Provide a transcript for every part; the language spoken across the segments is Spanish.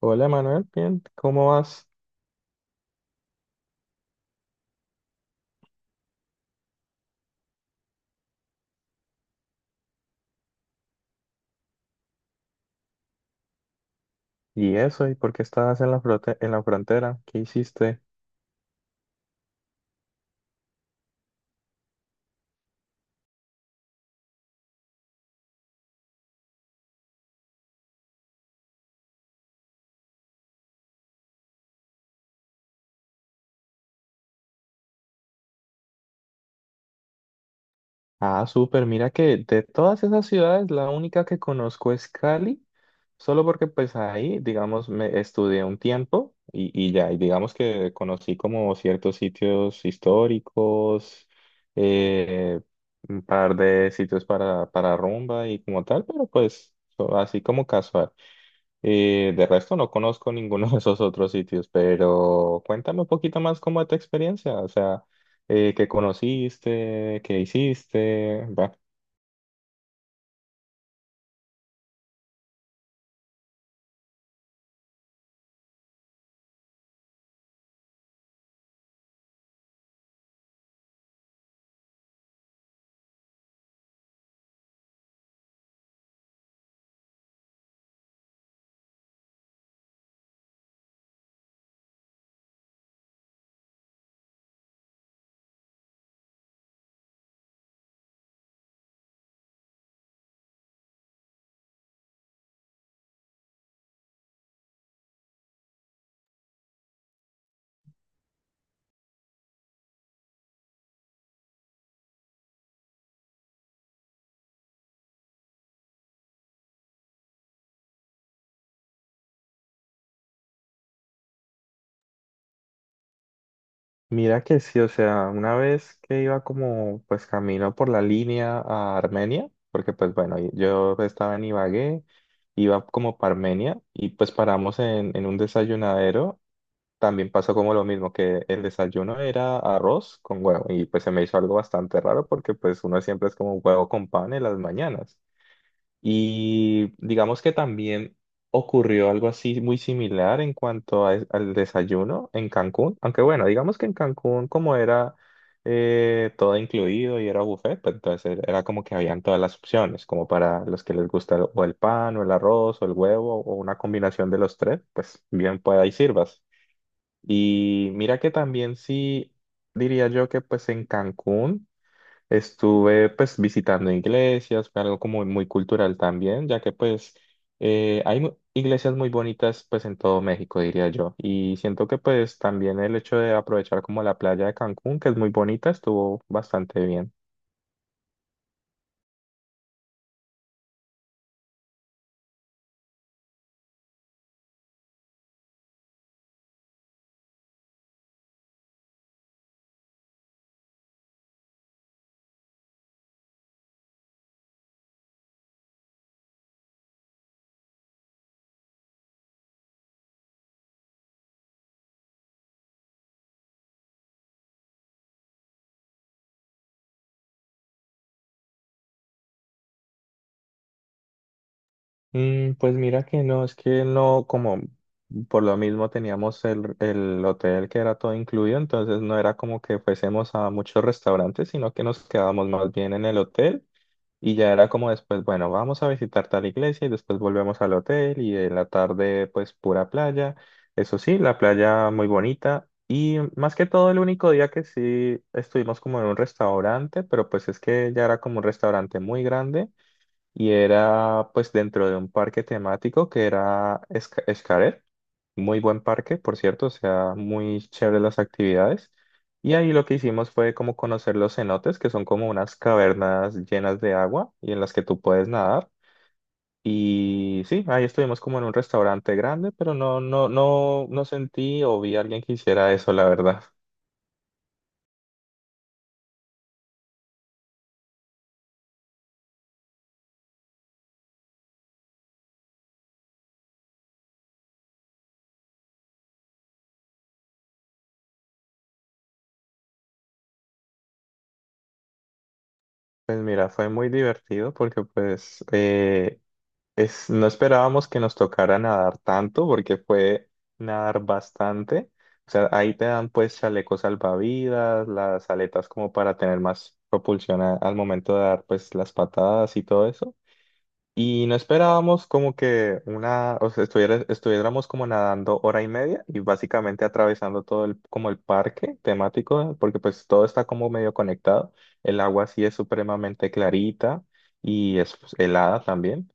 Hola Manuel, bien, ¿cómo vas? ¿Y eso? ¿Y por qué estabas en la en la frontera? ¿Qué hiciste? Ah, súper, mira que de todas esas ciudades la única que conozco es Cali, solo porque pues ahí, digamos, me estudié un tiempo y ya, y digamos que conocí como ciertos sitios históricos, eh, un par de sitios para rumba y como tal, pero pues así como casual. Y de resto no conozco ninguno de esos otros sitios, pero cuéntame un poquito más cómo es tu experiencia, o sea, qué conociste, qué hiciste, va. Mira que sí, o sea, una vez que iba como pues camino por la línea a Armenia, porque pues bueno, yo estaba en Ibagué, iba como para Armenia y pues paramos en un desayunadero, también pasó como lo mismo, que el desayuno era arroz con huevo y pues se me hizo algo bastante raro porque pues uno siempre es como huevo con pan en las mañanas. Y digamos que también ocurrió algo así muy similar en cuanto al desayuno en Cancún, aunque bueno, digamos que en Cancún como era, todo incluido y era buffet, pues entonces era como que habían todas las opciones, como para los que les gusta o el pan o el arroz o el huevo o una combinación de los tres, pues bien pueda y sirvas. Y mira que también, sí, diría yo que pues en Cancún estuve pues visitando iglesias, fue algo como muy cultural también, ya que pues, hay iglesias muy bonitas pues en todo México, diría yo. Y siento que pues también el hecho de aprovechar como la playa de Cancún, que es muy bonita, estuvo bastante bien. Pues mira que no, es que no, como por lo mismo teníamos el hotel que era todo incluido, entonces no era como que fuésemos a muchos restaurantes, sino que nos quedábamos más bien en el hotel, y ya era como, después, bueno, vamos a visitar tal iglesia y después volvemos al hotel y en la tarde pues pura playa. Eso sí, la playa muy bonita, y más que todo el único día que sí estuvimos como en un restaurante, pero pues es que ya era como un restaurante muy grande y era pues dentro de un parque temático que era Xcaret, muy buen parque, por cierto, o sea, muy chévere las actividades. Y ahí lo que hicimos fue como conocer los cenotes, que son como unas cavernas llenas de agua y en las que tú puedes nadar. Y sí, ahí estuvimos como en un restaurante grande, pero no, no, no, no sentí o vi a alguien que hiciera eso, la verdad. Pues mira, fue muy divertido porque pues, no esperábamos que nos tocara nadar tanto, porque fue nadar bastante. O sea, ahí te dan pues chalecos salvavidas, las aletas como para tener más propulsión al momento de dar pues las patadas y todo eso. Y no esperábamos como que una, o sea, estuviéramos como nadando hora y media y básicamente atravesando todo como el parque temático, porque pues todo está como medio conectado. El agua sí es supremamente clarita, y es pues helada también.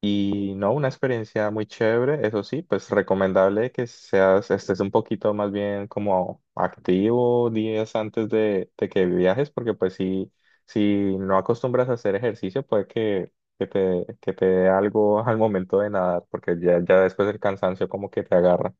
Y no, una experiencia muy chévere. Eso sí, pues recomendable que estés un poquito más bien como activo días antes de que viajes, porque pues si, no acostumbras a hacer ejercicio, puede que te dé algo al momento de nadar, porque ya después el cansancio como que te agarra.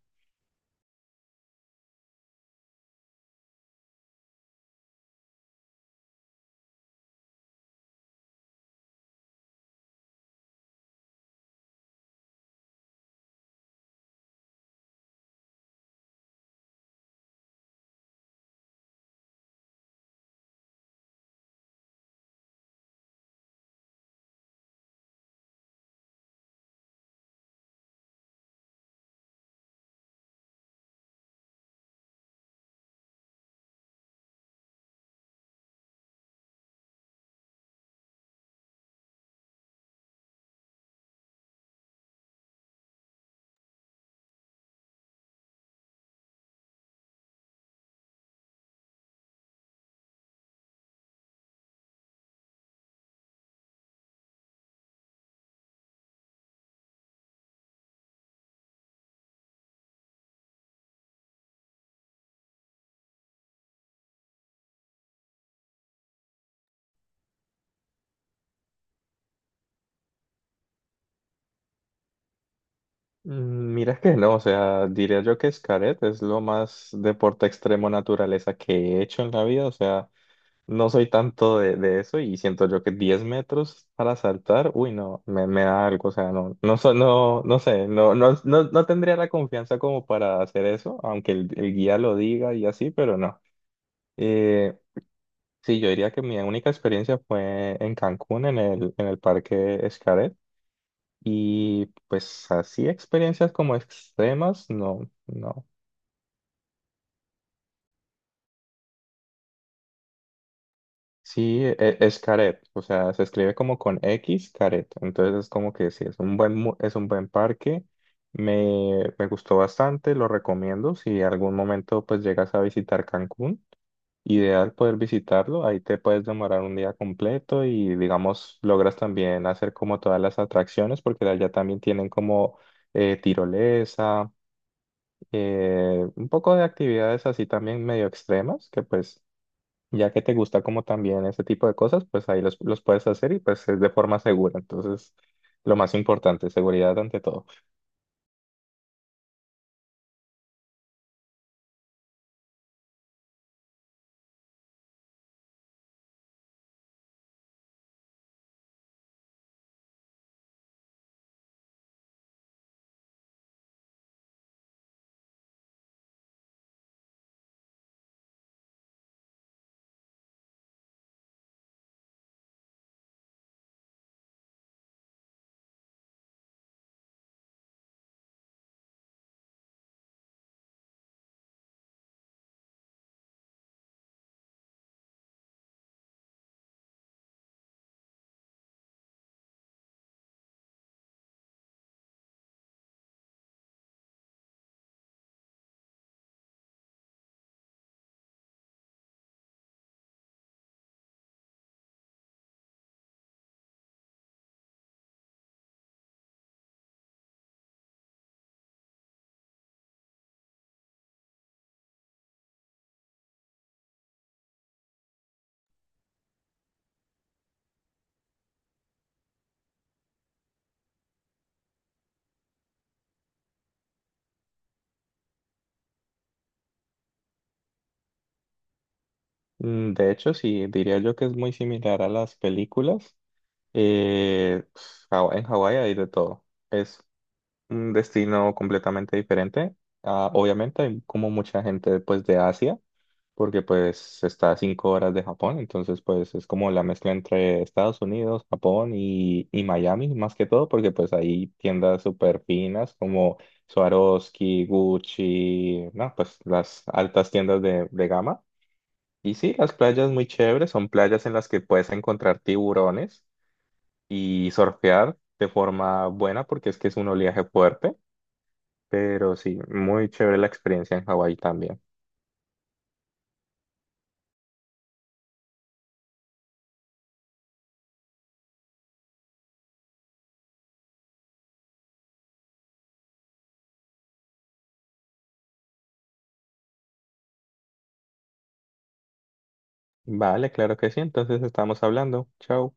Mira que no, o sea, diría yo que Xcaret es lo más deporte extremo naturaleza que he hecho en la vida, o sea... No soy tanto de eso, y siento yo que 10 metros para saltar, uy, no, me da algo, o sea, no, no, no, no sé, no, no, no, no tendría la confianza como para hacer eso, aunque el guía lo diga y así, pero no. Eh, sí, yo diría que mi única experiencia fue en Cancún, en el Parque Xcaret, y pues así experiencias como extremas, no, no. Sí, es, Caret, o sea, se escribe como con X, Caret. Entonces es como que sí, es un buen parque. Me gustó bastante, lo recomiendo. Si algún momento pues llegas a visitar Cancún, ideal poder visitarlo. Ahí te puedes demorar un día completo, y digamos logras también hacer como todas las atracciones, porque allá también tienen como, tirolesa, un poco de actividades así también medio extremas, que pues ya que te gusta como también ese tipo de cosas, pues ahí los puedes hacer y pues es de forma segura. Entonces, lo más importante, seguridad ante todo. De hecho, sí, diría yo que es muy similar a las películas. Eh, en Hawái hay de todo. Es un destino completamente diferente. Ah, obviamente hay como mucha gente pues de Asia. Porque pues está a 5 horas de Japón, entonces pues es como la mezcla entre Estados Unidos, Japón y Miami, más que todo, porque pues hay tiendas súper finas como Swarovski, Gucci, no, pues las altas tiendas de gama. Y sí, las playas muy chéveres, son playas en las que puedes encontrar tiburones y surfear de forma buena, porque es que es un oleaje fuerte, pero sí, muy chévere la experiencia en Hawái también. Vale, claro que sí, entonces estamos hablando. Chao.